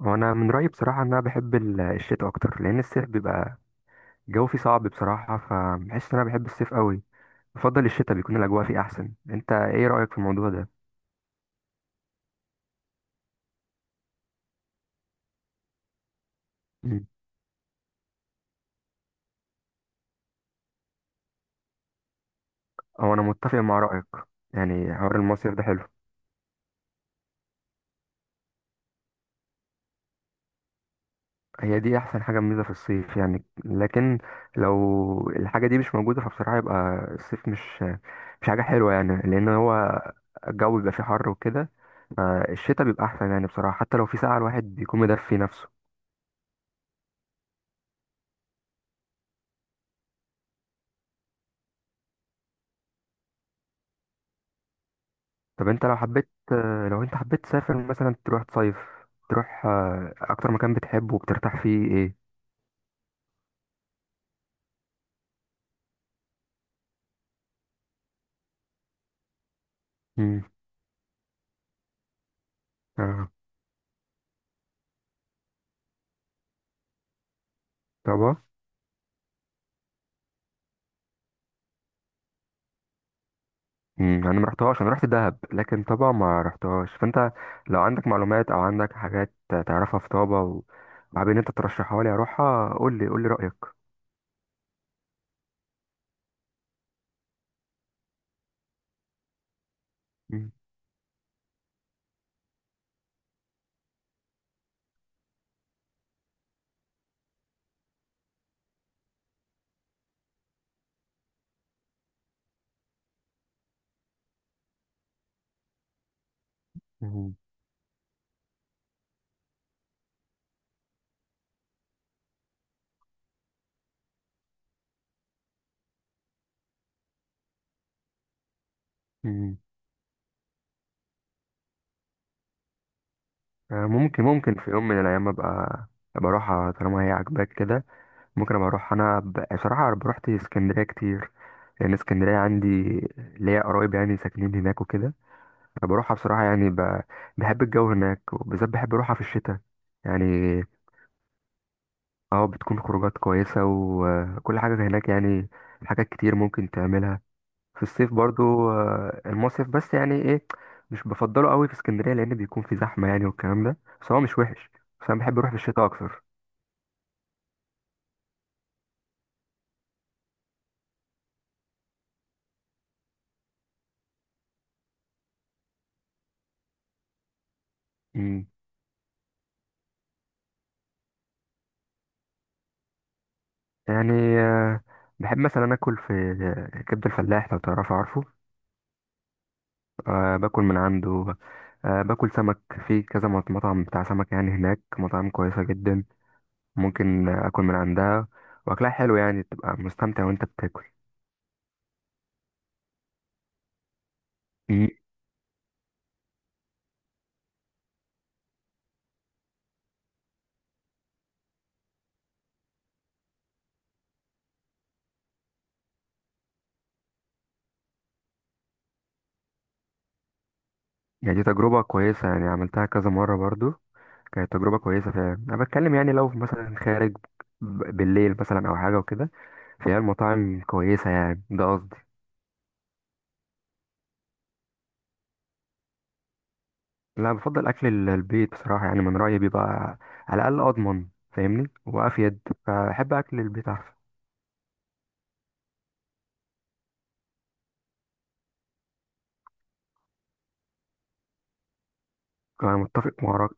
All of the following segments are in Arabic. وانا من رايي بصراحه ان انا بحب الشتاء اكتر، لان الصيف بيبقى الجو فيه صعب بصراحه، فبحس ان انا بحب الصيف قوي. بفضل الشتاء، بيكون الاجواء فيه احسن. انت ايه رايك في الموضوع ده؟ مم. او انا متفق مع رايك، يعني حوار المصيف ده حلو. هي دي احسن حاجه ميزه في الصيف يعني، لكن لو الحاجه دي مش موجوده فبصراحه يبقى الصيف مش حاجه حلوه يعني، لان هو الجو بيبقى فيه حر وكده. فالشتاء بيبقى احسن يعني بصراحه، حتى لو في ساعه الواحد بيكون مدفي نفسه. طب انت لو انت حبيت تسافر مثلا تروح تصيف، تروح اكتر مكان بتحبه وبترتاح فيه ايه؟ امم. اه. طبعا. امم، انا ما رحتهاش، انا رحت دهب لكن طبعا ما رحتهاش. فانت لو عندك معلومات او عندك حاجات تعرفها في طابة وحابب ان انت ترشحها لي اروحها، قول لي قول لي رايك. مم. مم. مم. آه، ممكن في يوم من الايام ابقى اروحها طالما هي عاجباك كده. ممكن ابقى اروح انا، بصراحه أنا روحت اسكندريه كتير، لان اسكندريه عندي ليا قرايب يعني ساكنين هناك وكده. فبروحها بصراحه يعني بحب الجو هناك، وبالذات بحب اروحها في الشتاء يعني. اه بتكون خروجات كويسه وكل حاجه هناك يعني، حاجات كتير ممكن تعملها. في الصيف برضو المصيف بس يعني ايه؟ مش بفضله قوي في اسكندريه، لان بيكون في زحمه يعني والكلام ده، بس هو مش وحش. بس انا بحب اروح في الشتاء اكتر. مم. يعني آه، بحب مثلا اكل في كبد الفلاح لو تعرفه، عارفه. أه باكل من عنده. أه باكل سمك في كذا مطعم بتاع سمك يعني، هناك مطاعم كويسة جدا ممكن اكل من عندها، واكلها حلو يعني، تبقى مستمتع وانت بتاكل. مم. يعني دي تجربة كويسة، يعني عملتها كذا مرة برضو. كانت تجربة كويسة فعلا. انا بتكلم يعني لو مثلا خارج بالليل مثلا او حاجة وكده، فهي المطاعم كويسة يعني، ده قصدي. لا بفضل اكل البيت بصراحه، يعني من رايي بيبقى على الاقل اضمن، فاهمني وافيد، فاحب اكل البيت احسن. انا متفق معاك.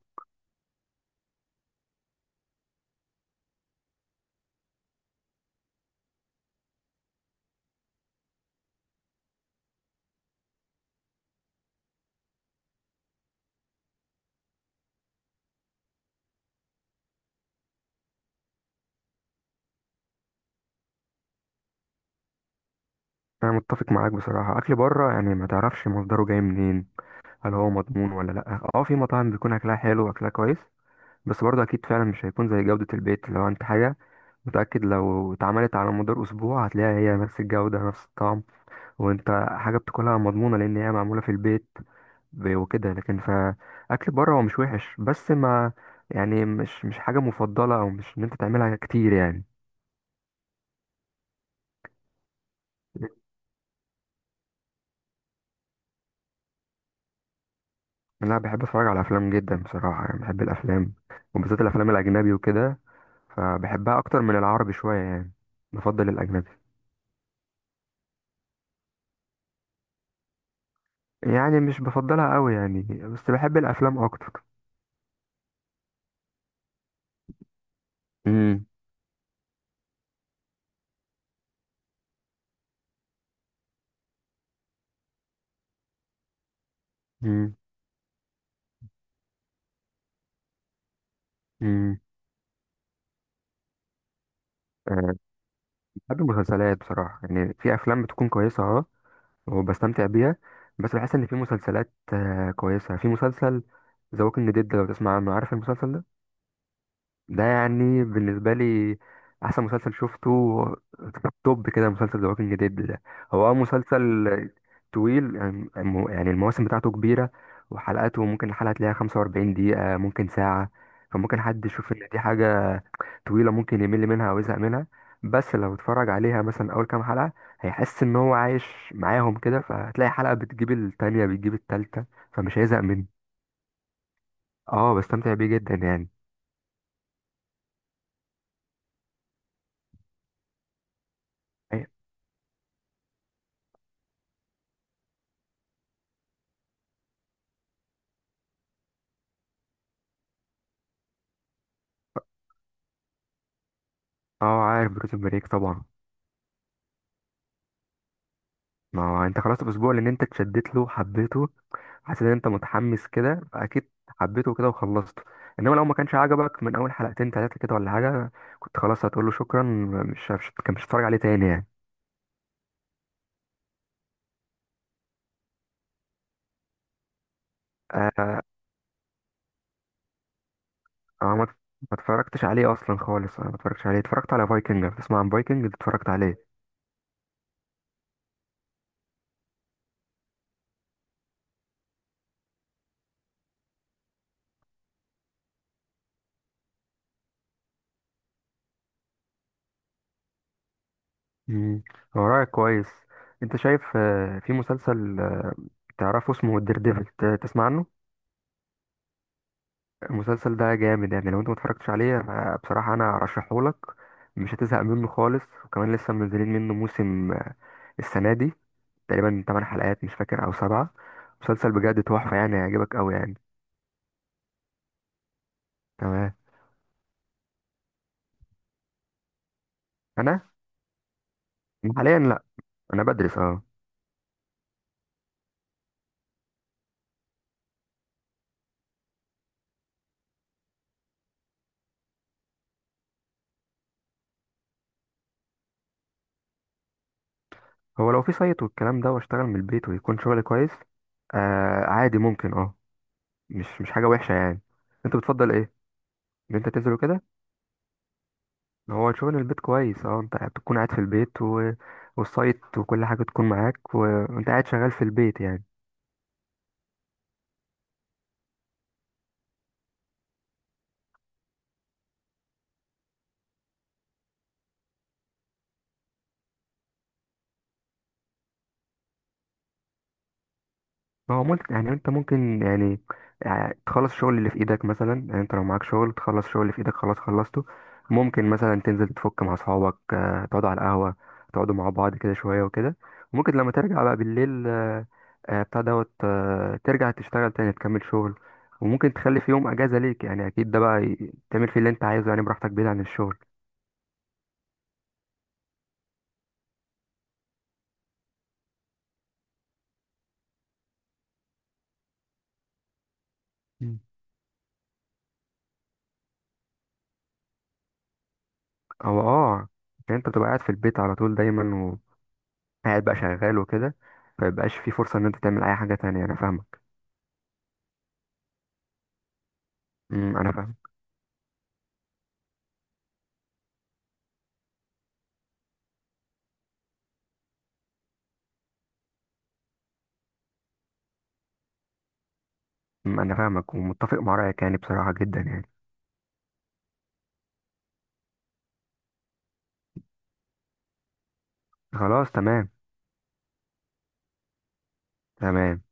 انا متفق معاك بصراحه، اكل بره يعني ما تعرفش مصدره جاي منين، هل هو مضمون ولا لا. اه، في مطاعم بيكون اكلها حلو واكلها كويس، بس برضه اكيد فعلا مش هيكون زي جوده البيت. لو انت حاجه متاكد لو اتعملت على مدار اسبوع هتلاقيها هي نفس الجوده نفس الطعم، وانت حاجه بتاكلها مضمونه لان هي معموله في البيت وكده. لكن فاكل بره هو مش وحش، بس ما يعني مش حاجه مفضله، او مش ان انت تعملها كتير يعني. انا بحب اتفرج على افلام جدا بصراحه، يعني بحب الافلام، وبالذات الافلام الاجنبي وكده، فبحبها اكتر من العربي شويه يعني، بفضل الاجنبي. يعني مش بفضلها قوي يعني، بس بحب الافلام اكتر. امم. امم. امم. أه بحب المسلسلات بصراحه، يعني في افلام بتكون كويسه اه، وبستمتع بيها. بس بحس ان في مسلسلات كويسه. في مسلسل ذا ووكينج ديد، لو تسمع عنه، عارف المسلسل ده يعني بالنسبه لي احسن مسلسل شفته، توب كده مسلسل ذا ووكينج ديد ده. هو اه مسلسل طويل يعني، يعني المواسم بتاعته كبيره، وحلقاته ممكن الحلقه تلاقيها 45 دقيقه ممكن ساعه. فممكن حد يشوف ان دي حاجه طويلة، ممكن يمل منها أو يزهق منها. بس لو اتفرج عليها مثلا أول كام حلقة، هيحس إن هو عايش معاهم كده، فهتلاقي حلقة بتجيب التانية بتجيب التالتة، فمش هيزهق منه. اه بستمتع بيه جدا يعني. أي- اه عارف بريزون بريك طبعا. ما هو انت خلاص الأسبوع لأن انت اتشدت له، حبيته، حسيت إن انت متحمس كده فأكيد حبيته كده وخلصته. انما لو ما كانش عجبك من اول حلقتين تلاتة كده ولا حاجة، كنت خلاص هتقول له شكرا، مش مش كان مش هتتفرج عليه تاني يعني. آه، اه ما اتفرجتش عليه اصلا خالص، انا ما اتفرجتش عليه. اتفرجت على فايكنج، بتسمع عن فايكنج، اتفرجت عليه. امم. هو رأيك كويس. انت شايف في مسلسل تعرفه اسمه الدير ديفل، تسمع عنه؟ المسلسل ده جامد يعني، لو انت ما اتفرجتش عليه بصراحة انا ارشحه لك. مش هتزهق منه خالص، وكمان لسه منزلين منه موسم السنة دي تقريبا 8 حلقات مش فاكر او 7. مسلسل بجد تحفة يعني، هيعجبك قوي يعني. تمام. انا حاليا لا، انا بدرس اه. هو لو في سايت والكلام ده واشتغل من البيت ويكون شغلي كويس آه، عادي ممكن اه، مش حاجة وحشة يعني. انت بتفضل ايه؟ ان انت تنزل وكده. هو شغل البيت كويس اه، انت بتكون قاعد في البيت والسايت وكل حاجة تكون معاك وانت قاعد شغال في البيت يعني. ما هو ممكن يعني، انت ممكن يعني تخلص الشغل اللي في ايدك مثلا، يعني انت لو معاك شغل تخلص الشغل اللي في ايدك خلاص خلصته. ممكن مثلا تنزل تفك مع اصحابك تقعدوا على القهوة، تقعدوا مع بعض كده شوية وكده. وممكن لما ترجع بقى بالليل بتاع دوت ترجع تشتغل تاني، تكمل شغل، وممكن تخلي في يوم اجازة ليك يعني، اكيد ده بقى تعمل فيه اللي انت عايزه يعني براحتك بعيد عن الشغل. مم. هو اه يعني انت بتبقى قاعد في البيت على طول دايما، قاعد بقى شغال وكده، فيبقاش في فرصة ان انت تعمل اي حاجة تانية. انا فاهمك. امم. انا فاهم. امم. انا فاهمك ومتفق مع رأيك يعني بصراحة جدا يعني. خلاص. تمام. تمام.